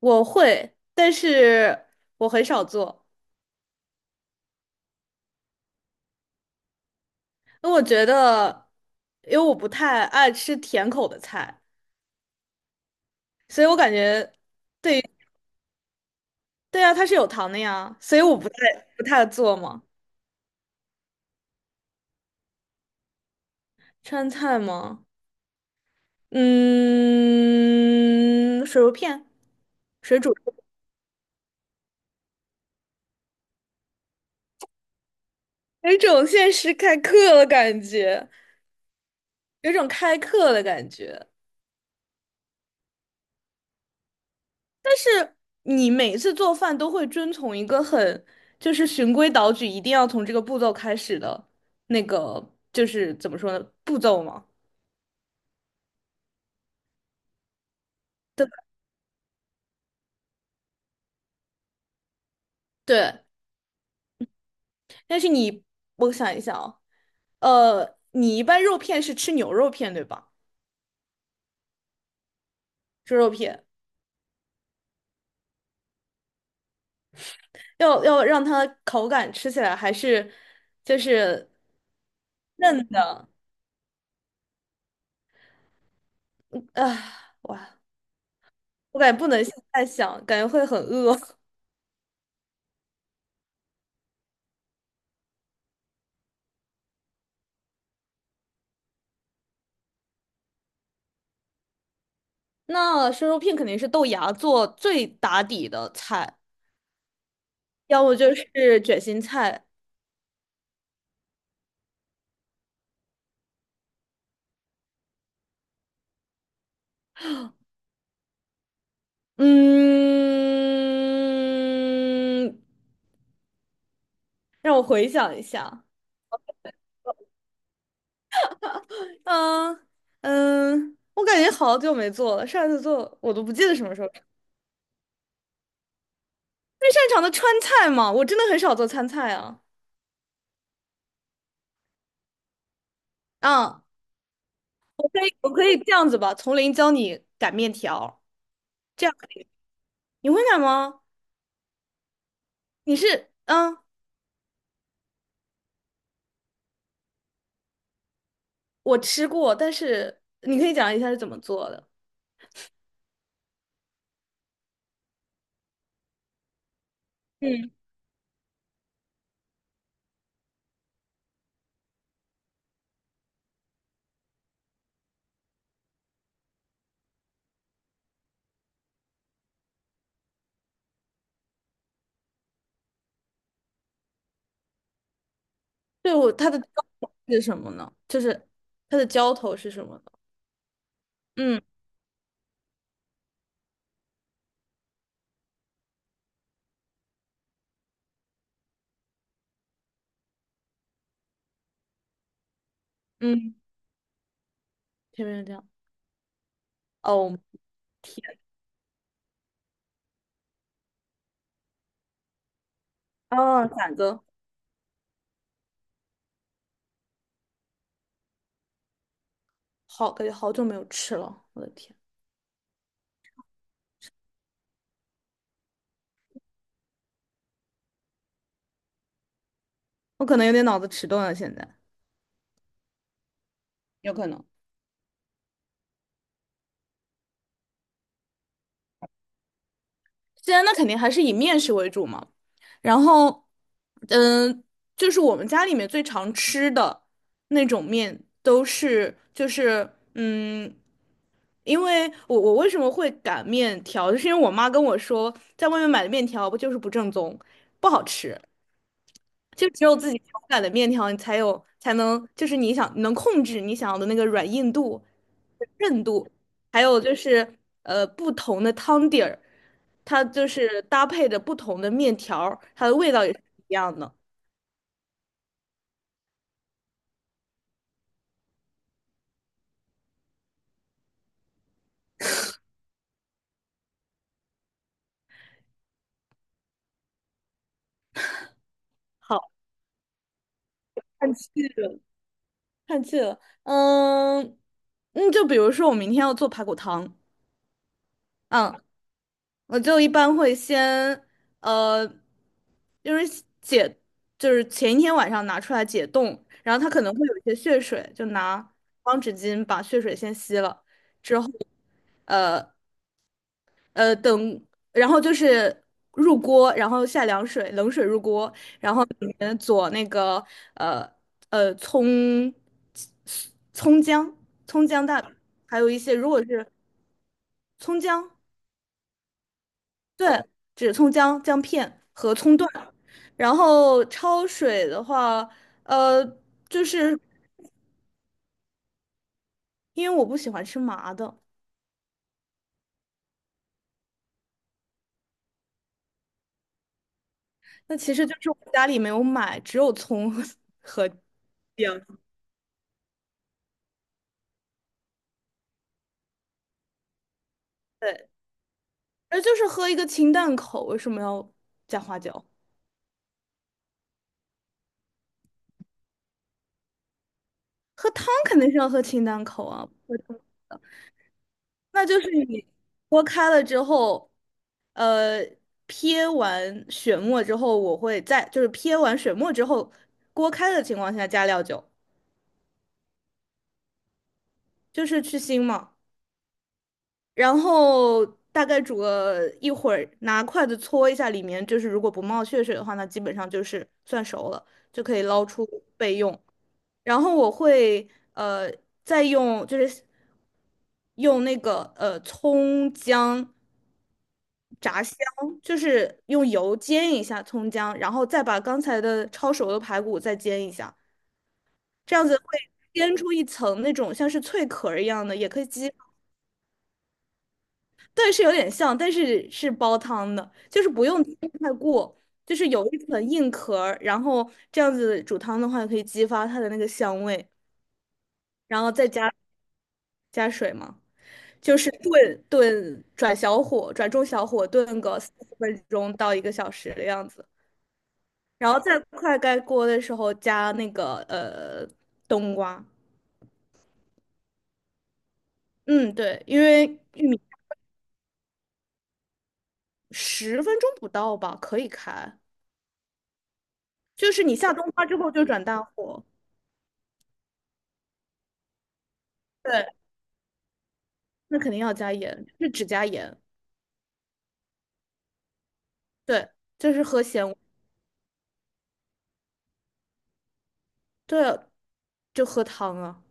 我会，但是我很少做，因为我觉得，因为我不太爱吃甜口的菜，所以我感觉对，对啊，它是有糖的呀，所以我不太做嘛。川菜吗？嗯，水肉片，水煮。有一种现实开课的感觉，有一种开课的感觉。你每次做饭都会遵从一个很，就是循规蹈矩，一定要从这个步骤开始的那个，就是怎么说呢，步骤吗？对吧对，但是你，我想一想啊，你一般肉片是吃牛肉片对吧？猪肉片要让它口感吃起来还是就是嫩的，啊，哇，我感觉不能现在想，感觉会很饿。那生肉片肯定是豆芽做最打底的菜。要么就是卷心菜。嗯，让我回想一下。嗯嗯，我感觉好久没做了，上次做我都不记得什么时候。最擅长的川菜嘛，我真的很少做川菜啊。啊，我可以这样子吧，从零教你擀面条，这样可以。你会擀吗？你是嗯，我吃过，但是你可以讲一下是怎么做的。嗯，对我它的浇头是什么呢？就是它的浇头是什么？嗯嗯，甜面酱。哦，天啊，攒个好，感觉好久没有吃了，我的天。我可能有点脑子迟钝了，现在有可能。现在那肯定还是以面食为主嘛。然后，嗯，就是我们家里面最常吃的那种面，都是因为我为什么会擀面条，就是因为我妈跟我说，在外面买的面条不就是不正宗，不好吃。就只有自己手擀的面条，你才能，就是你想能控制你想要的那个软硬度、韧度，还有就是不同的汤底儿，它就是搭配着不同的面条儿它的味道也是不一样的。好，看气了，看气了。嗯，就比如说我明天要做排骨汤。嗯，我就一般会先，呃，就是解，就是前一天晚上拿出来解冻，然后它可能会有一些血水，就拿方纸巾把血水先吸了，之后，呃呃等，然后就是入锅，然后下凉水，冷水入锅，然后里面佐那个呃呃葱葱姜葱姜，还有一些如果是葱姜。对，只姜片和葱段，然后焯水的话，呃，就是因为我不喜欢吃麻的，那其实就是我家里没有买，只有葱和 姜，对，那就是喝一个清淡口，为什么要加花椒？喝汤肯定是要喝清淡口啊。那就是你锅开了之后，呃，撇完血沫之后，我会在就是撇完血沫之后，锅开的情况下加料酒。就是去腥嘛，然后大概煮个一会儿，拿筷子搓一下里面，就是如果不冒血水的话，那基本上就是算熟了，就可以捞出备用。然后我会，呃再用就是用那个呃葱姜炸香，就是用油煎一下葱姜，然后再把刚才的焯熟的排骨再煎一下，这样子会煎出一层那种像是脆壳儿一样的，也可以激对，是有点像，但是是煲汤的，就是不用煎太过，就是有一层硬壳儿，然后这样子煮汤的话，可以激发它的那个香味，然后再加水嘛，就是炖炖，转中小火炖个40分钟到一个小时的样子，然后再快盖锅的时候加那个冬瓜，嗯，对，因为玉米十分钟不到吧，可以开，就是你下冬瓜之后就转大火。对。那肯定要加盐，是只加盐，对，就是喝咸，对啊，就喝汤啊。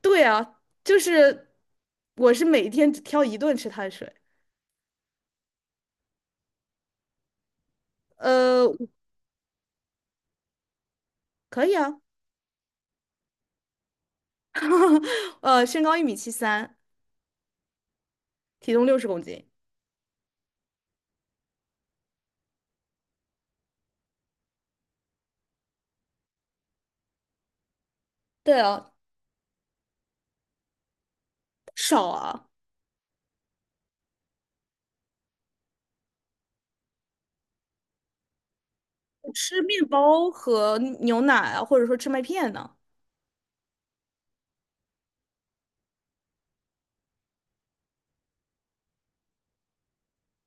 对啊，就是我是每天只挑一顿吃碳水。呃，可以啊。身高1米73，体重60公斤，对啊，少啊，吃面包和牛奶啊，或者说吃麦片呢，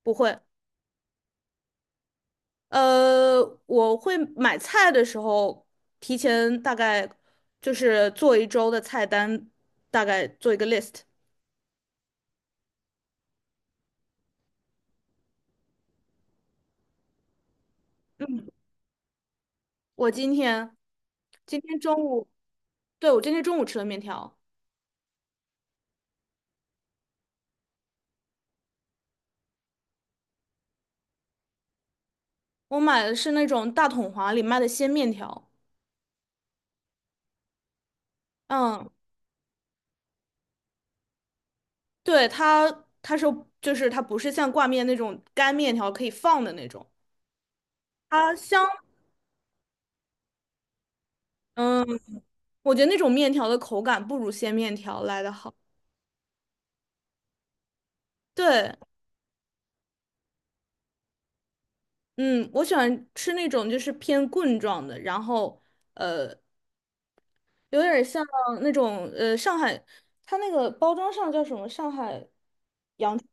不会。我会买菜的时候，提前大概就是做1周的菜单，大概做一个 list。我今天今天中午，对，我今天中午吃了面条，我买的是那种大统华里卖的鲜面条。嗯，对，它它不是像挂面那种干面条可以放的那种，它香。嗯，我觉得那种面条的口感不如鲜面条来的好。对，嗯，我喜欢吃那种就是偏棍状的，然后，呃，有点像那种，上海，它那个包装上叫什么？上海洋春，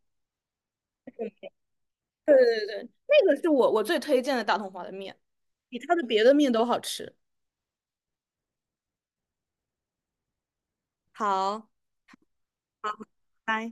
对对对，那个是我最推荐的大同华的面，比它的别的面都好吃。好，拜。